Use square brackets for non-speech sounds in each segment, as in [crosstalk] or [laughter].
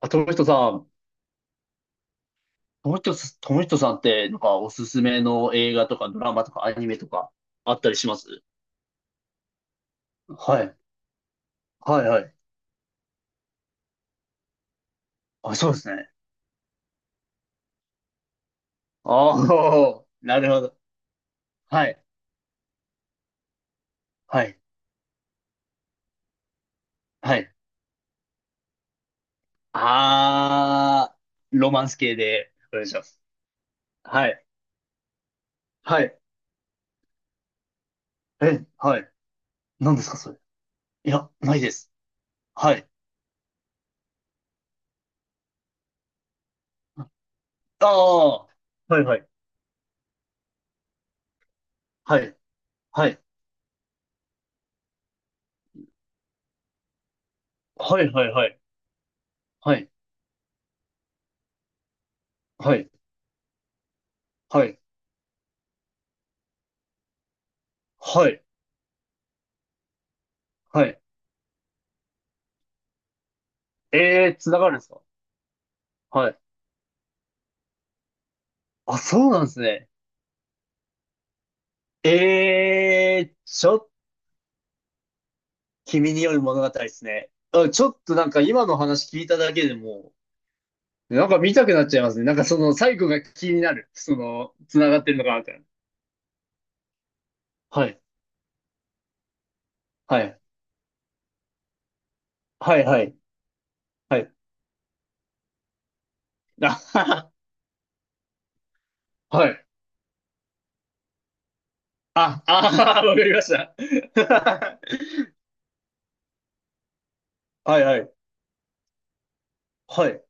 あ、友人さ友人さんって、なんか、おすすめの映画とか、ドラマとか、アニメとか、あったりします？はい。はい、はい。あ、そうですね。ああ、[laughs] なるほど。はい、はい、はい。ああ、ロマンス系で、お願いします。はい、はい。え、はい。何ですか、それ？いや、ないです。はい。ああ、はい、はい、はい、はい、はい、はい、はい、はい、はい、はい、はい。はい。ええー、つながるんですか？はい。あ、そうなんですね。ええー、ちょっと、君による物語ですね。あ、ちょっとなんか今の話聞いただけでも、なんか見たくなっちゃいますね。なんかその最後が気になる。その、繋がってるのかなみたいな。はい。はい。はい、はい。はい。あはは。はい。あ、あーわかりました。[laughs] はい、はい。はい。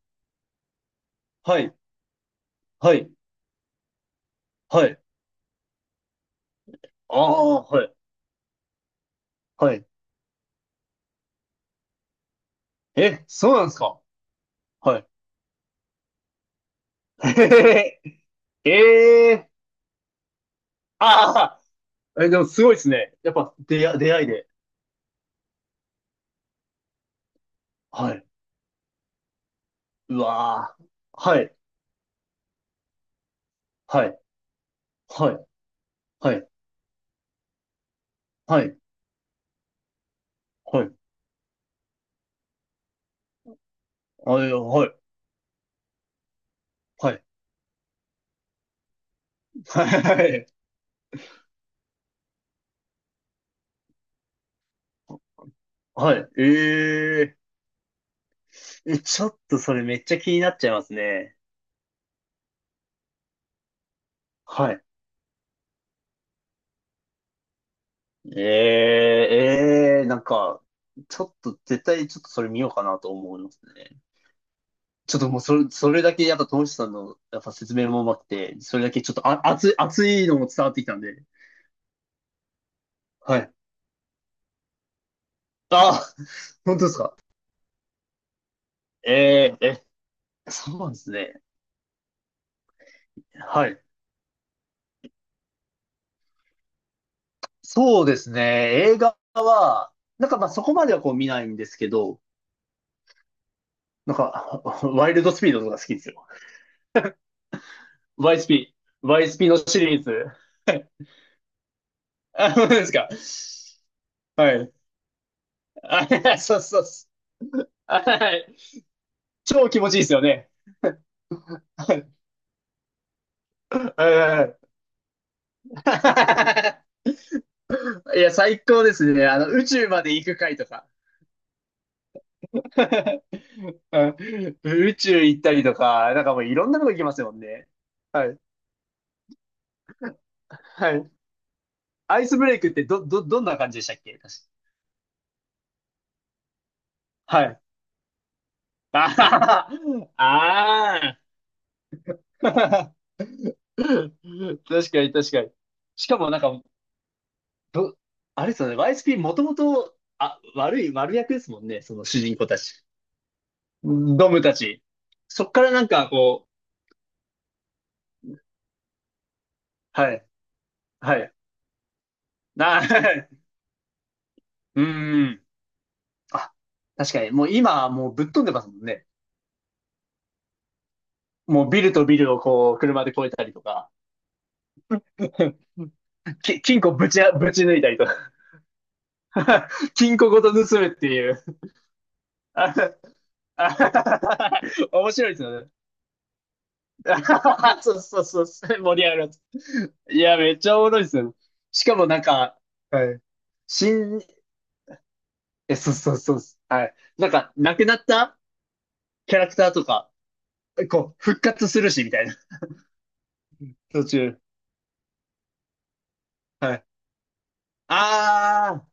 はい。はい。はい。ああ、はい。はい。え、そうなんですか？はい。[laughs] ええー。ああ。え、でもすごいですね。やっぱ出会いで。はい。うわー。はい。はい。はい。はい。はい。はい。はい。はい。はい。はい。はい。えー。え、ちょっとそれめっちゃ気になっちゃいますね。はい。えーええ、なんか、ちょっと絶対ちょっとそれ見ようかなと思いますね。ちょっともうそれだけやっぱ、ともしさんのやっぱ説明もうまくて、それだけちょっとあ、熱い、熱いのも伝わってきたんで。はい。ああ、本当ですか？え、そうなんですね。はい。そうですね。映画は、なんかまあそこまではこう見ないんですけど、なんか、[laughs] ワイルドスピードとか好きですよ。YSP。YSP のシリーズ。あ、そうですか。はい。あ、そうそうそう。はい。超気持ちいいですよね。はいはいはい [laughs] いや、最高ですね。宇宙まで行く回とか。[laughs] うん。宇宙行ったりとか、なんかもういろんなとこ行きますもんね。はい。はい。アイスブレイクってどんな感じでしたっけ、確か？はい。ああ、あー [laughs] 確かに確かに。しかもなんか、ど、あれですよね、YSP もともと、あ、悪役ですもんね、その主人公たち。ドムたち。そっからなんかこう、はい、はい。な、[laughs] うーん。あ、確かに、もう今はもうぶっ飛んでますもんね。もうビルとビルをこう、車で越えたりとか、金庫ぶち抜いたりとか。[laughs] 金庫ごと盗むっていう。[laughs] 面白いですよね。[laughs] そうそうそう、盛り上がるやつ。いや、めっちゃおもろいですよね。しかもなんか、はい。新、え、そうそうそう、はい。なんか、亡くなったキャラクターとか、こう、復活するし、みたいな。途中。はい。あ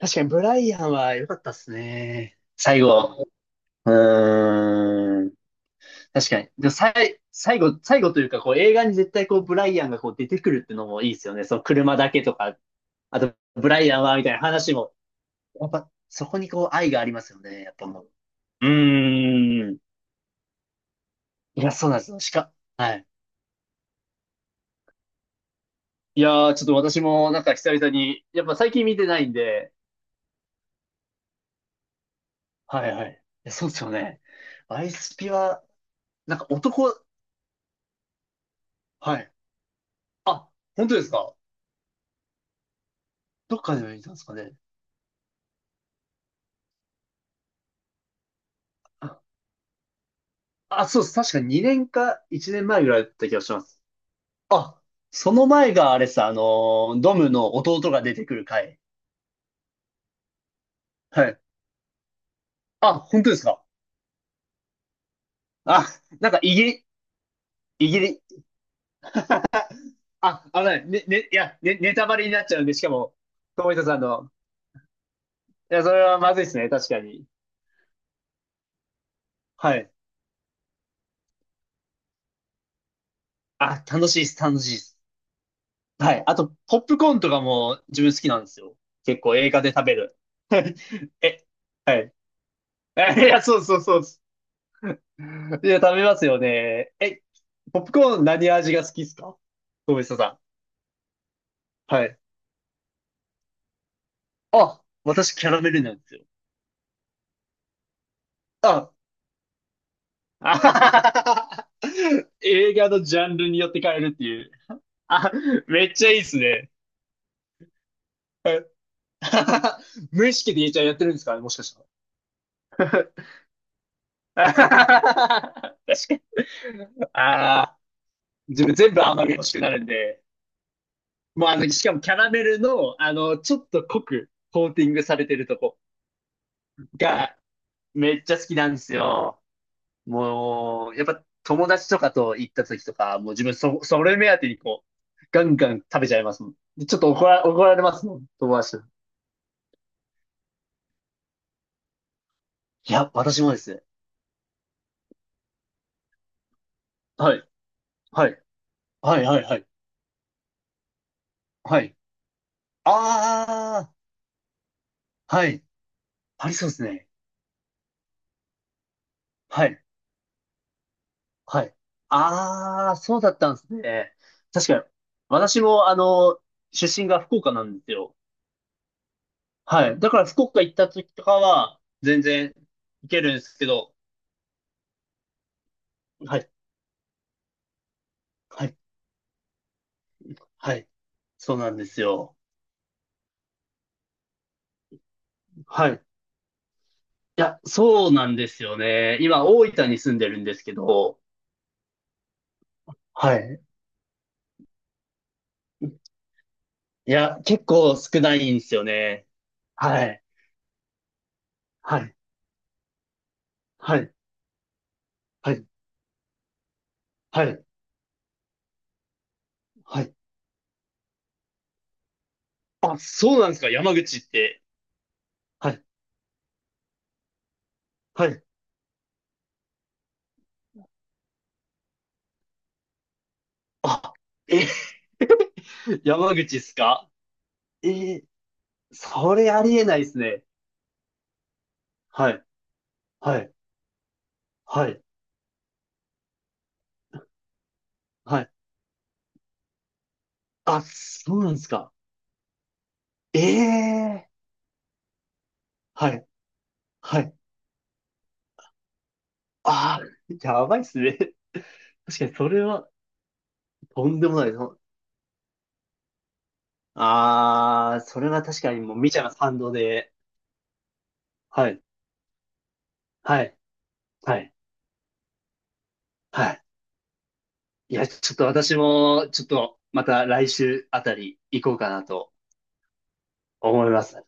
ー、確かにブライアンは良かったっすね。最後。うーん。確かに。で、さい、最後、最後というか、こう、映画に絶対こう、ブライアンがこう、出てくるってのもいいですよね。その車だけとか、あと、ブライアンは、みたいな話も。やっぱ、そこにこう、愛がありますよね。やっぱもう。うーん。いや、そうなんですよ。はい。いやー、ちょっと私もなんか久々に、やっぱ最近見てないんで、はいはい。いやそうですよね。アイスピは、なんかはい。あ、本当ですか？どっかで見たんですかね。あ、あそうです。確か2年か1年前ぐらいだった気がします。あ、その前があれさ、ドムの弟が出てくる回。はい。あ、本当ですか？あ、なんかイギリ、イギリ、あ、あのね、いや、ネタバレになっちゃうんで、しかも、友人さんの、いや、それはまずいですね、確かに。はい。あ、楽しいです、楽しいです。はい。あと、ポップコーンとかも自分好きなんですよ。結構映画で食べる。え、はい。[laughs] えいや、そうそうそうです。いや、食べますよね。え、ポップコーン何味が好きですか？友人さん。はい。あ、私キャラメルなんですよ。あ、[laughs] あはははは。映画のジャンルによって変えるっていう。あ、めっちゃいいっすね。[laughs] はい。あははは。無意識で言えちゃんやってるんですかね、もしかしたら。[laughs] あははは。確かに。ああ、自分全部甘み欲しくなるんで。もうしかもキャラメルの、ちょっと濃くコーティングされてるとこがめっちゃ好きなんですよ。もう、やっぱ友達とかと行った時とか、もう自分それ目当てにこう、ガンガン食べちゃいますもん。でちょっと怒られますもん、友達と。いや、私もです。はい、はい、はい、はい、はい、はい。ああ、はい。ありそうですね。はい、はい。ああ、そうだったんですね。確かに。私も、出身が福岡なんですよ。はい。だから福岡行った時とかは、全然行けるんですけど、はい。はいはい。そうなんですよ。はい。いや、そうなんですよね。今、大分に住んでるんですけど、はい。いや、結構少ないんですよね。はい。はい。はい。はい。はい。はい。あ、そうなんですか、山口って。はい。はい。あ、え、[laughs] 山口っすか？えー、それありえないですね。はい。はい。はい。はい。あ、そうなんですか。ええー。はい。はい。ああ、やばいっすね。[laughs] 確かにそれはとんでもないです。ああ、それは確かにもう見ちゃいます、反動で。はい。はい。はい。はい。いや、ちょっと私も、ちょっと、また来週あたり行こうかなと思います。